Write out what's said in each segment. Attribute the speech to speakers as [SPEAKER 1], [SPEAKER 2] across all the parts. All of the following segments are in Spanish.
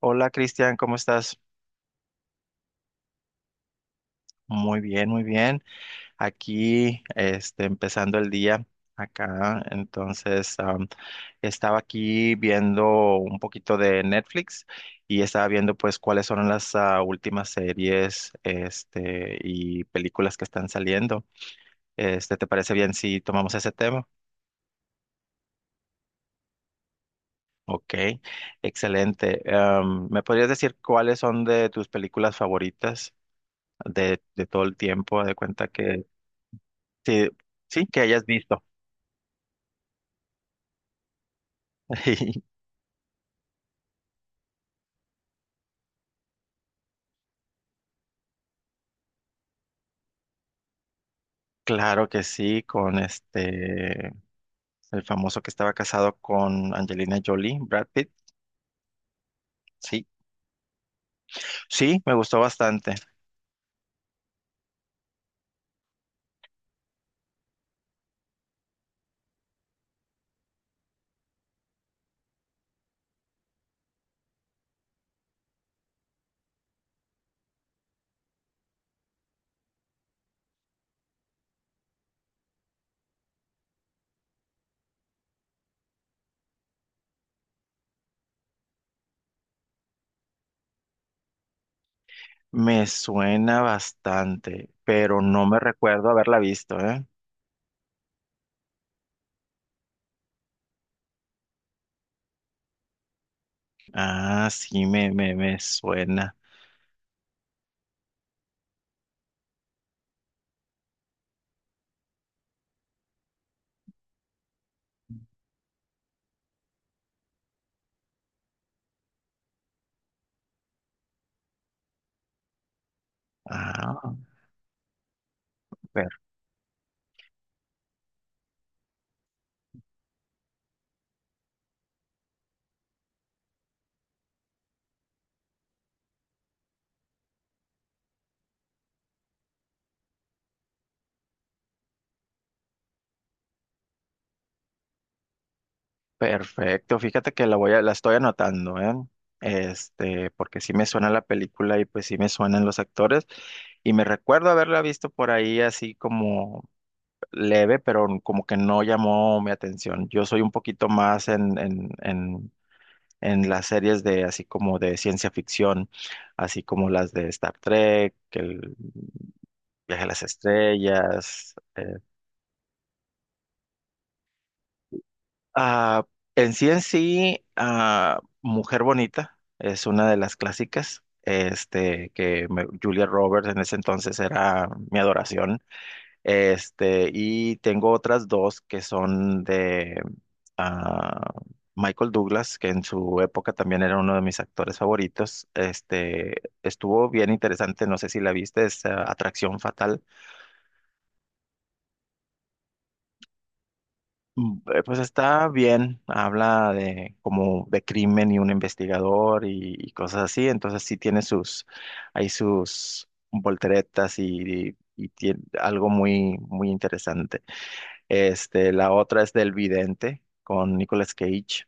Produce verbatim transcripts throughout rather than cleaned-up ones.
[SPEAKER 1] Hola Cristian, ¿cómo estás? Muy bien, muy bien. Aquí, este, empezando el día acá. Entonces, am, estaba aquí viendo un poquito de Netflix y estaba viendo pues cuáles son las ah, últimas series, este, y películas que están saliendo. Este, ¿te parece bien si tomamos ese tema? Ok, excelente. Am, ¿me podrías decir cuáles son de tus películas favoritas de, de todo el tiempo? De cuenta que. Sí, sí, que hayas visto. Claro que sí, con este, el famoso que estaba casado con Angelina Jolie, Brad Pitt. Sí, sí, me gustó bastante. Me suena bastante, pero no me recuerdo haberla visto, ¿eh? Ah, sí, me, me, me suena. Ah, Perfecto, fíjate que la voy a, la estoy anotando, ¿eh? Este, porque sí me suena la película y pues sí me suenan los actores y me recuerdo haberla visto por ahí así como leve, pero como que no llamó mi atención. Yo soy un poquito más en, en, en, en las series de así como de ciencia ficción, así como las de Star Trek, el viaje a las estrellas. Ah, en sí en sí, ah, Mujer Bonita es una de las clásicas. este, que me- Julia Roberts en ese entonces era mi adoración, este, y tengo otras dos que son de ah, Michael Douglas, que en su época también era uno de mis actores favoritos. este, estuvo bien interesante, no sé si la viste, es ah, Atracción Fatal. Mm, eh, Pues está bien, habla de como de crimen y un investigador y, y cosas así, entonces sí tiene sus, hay sus volteretas y, y, tiene algo muy, muy interesante. Este, la otra es del Vidente con Nicolas Cage.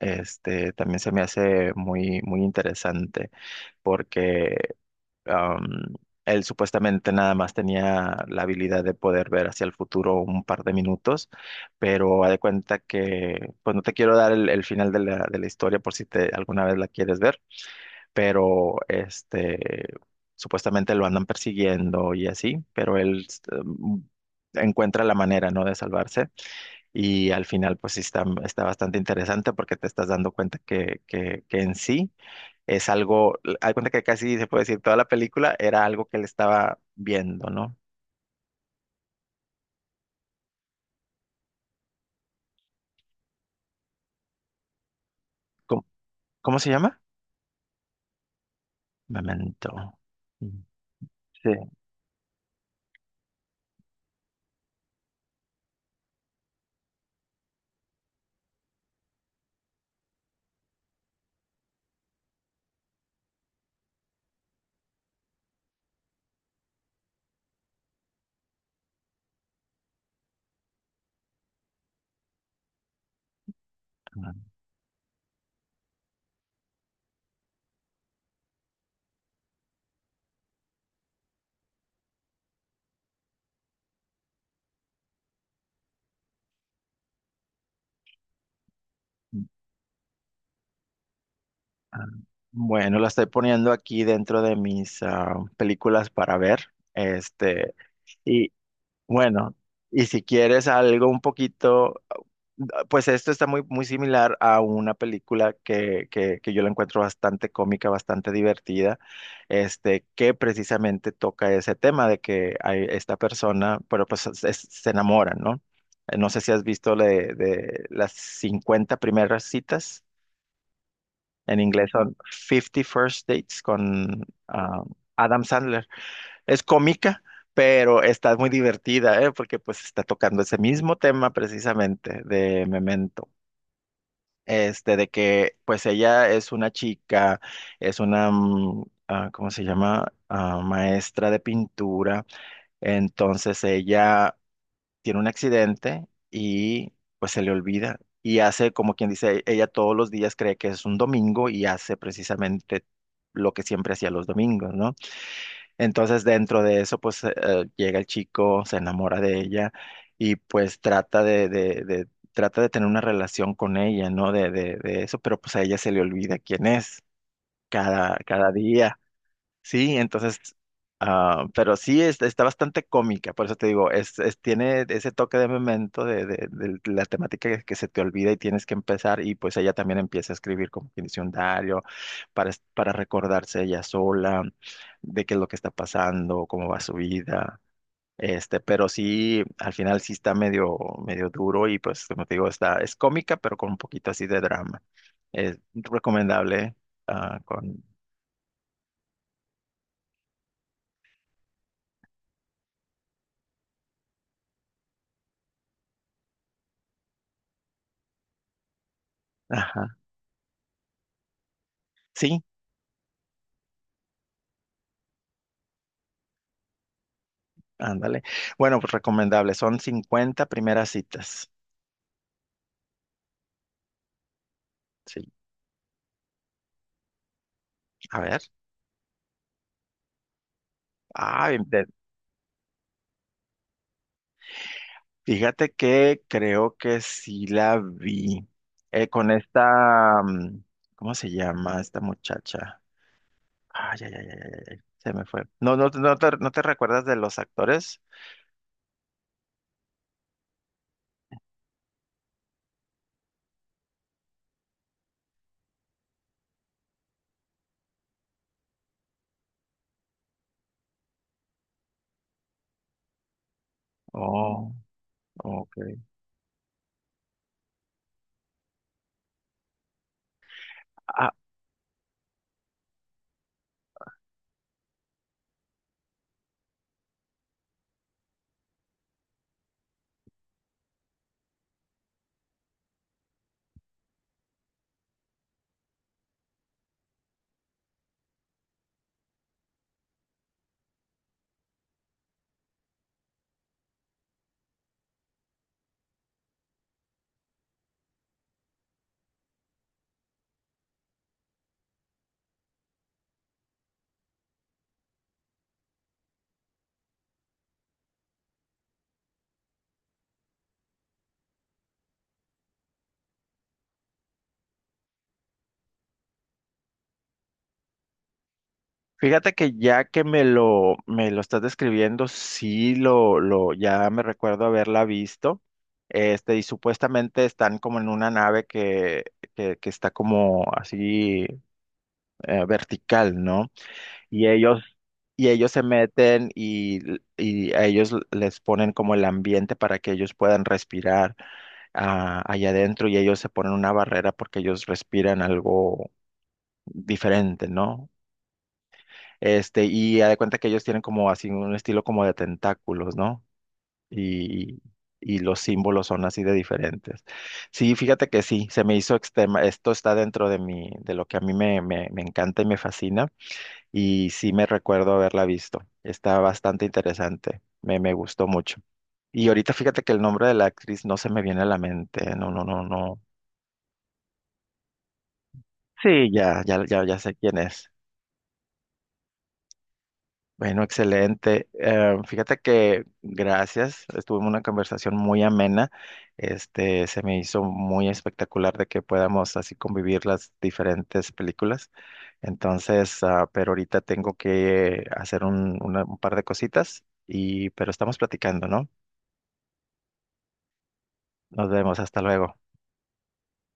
[SPEAKER 1] Este, también se me hace muy, muy interesante porque Am, él supuestamente nada más tenía la habilidad de poder ver hacia el futuro un par de minutos, pero haz de cuenta que, pues no te quiero dar el, el final de la, de la historia por si te, alguna vez la quieres ver, pero este, supuestamente lo andan persiguiendo y así, pero él em, encuentra la manera, ¿no? De salvarse, y al final pues sí está, está bastante interesante porque te estás dando cuenta que, que, que en sí es algo, hay cuenta que casi se puede decir toda la película era algo que él estaba viendo, ¿no? ¿Cómo, cómo se llama? Memento. Mm. Sí. Mm, ah. Bueno, la estoy poniendo aquí dentro de mis ah, películas para ver. Este, y bueno, y si quieres algo un poquito. ah, Pues esto está muy, muy similar a una película que, que, que yo la encuentro bastante cómica, bastante divertida, este, que precisamente toca ese tema de que hay esta persona, pero pues es- es- se enamoran, ¿no? Eh, No sé si has visto de, de las cincuenta primeras citas, en inglés son Fifty First Dates con ah, Adam Sandler. Es cómica, pero está muy divertida, ¿eh? Porque pues está tocando ese mismo tema precisamente de Memento. Este, de que pues ella es una chica, es una, mm, ah, ¿cómo se llama? Ah, maestra de pintura. Entonces ella tiene un accidente y pues se le olvida. Y hace, como quien dice, ella todos los días cree que es un domingo y hace precisamente lo que siempre hacía los domingos, ¿no? Entonces dentro de eso pues eh, eh, llega el chico, se enamora de ella y pues trata de, de, de- trata de tener una relación con ella, ¿no? De, de, de eso, pero pues a ella se le olvida quién es cada, cada día. Sí, entonces, ah, pero sí es- está bastante cómica, por eso te digo, es, es- tiene ese toque de Memento de, de- de la temática que, que se te olvida y tienes que empezar, y pues ella también empieza a escribir como que dice un diario para, es- para recordarse ella sola de qué es lo que está pasando, cómo va su vida. Este, pero sí, al final sí está medio, medio duro, y pues como te digo, está, es cómica, pero con un poquito así de drama. Es recomendable, ah, con, ajá. Sí, ándale. Bueno, pues recomendable. Son cincuenta primeras citas. Sí. A ver. Ah, fíjate que creo que sí la vi. Eh, con esta, mm, ¿cómo se llama esta muchacha? Ay, ay, ay, ay, ay, ay, se me fue. No, no, no te, no te recuerdas de los actores. Oh, ok. Ah, fíjate que ya que me lo, me lo estás describiendo, sí lo, lo, ya me recuerdo haberla visto. Este, y supuestamente están como en una nave que, que, que está como así eh, vertical, ¿no? Y ellos, y ellos se meten, y, y, a ellos les ponen como el ambiente para que ellos puedan respirar ah, allá adentro, y ellos se ponen una barrera porque ellos respiran algo diferente, ¿no? Este, y haz de cuenta que ellos tienen como así un estilo como de tentáculos, ¿no? Y, y los símbolos son así de diferentes. Sí, fíjate que sí, se me hizo extrema, esto está dentro de mi, de lo que a mí me, me, me encanta y me fascina, y sí me recuerdo haberla visto. Está bastante interesante, me, me gustó mucho. Y ahorita fíjate que el nombre de la actriz no se me viene a la mente, no, no, no, no. Sí, ya, ya, ya, ya sé quién es. Bueno, excelente. Eh, fíjate que gracias, estuvimos una conversación muy amena. Este, se me hizo muy espectacular de que podamos así convivir las diferentes películas. Entonces, ah, pero ahorita tengo que hacer un, una- un par de cositas y, pero estamos platicando, ¿no? Nos vemos, hasta luego.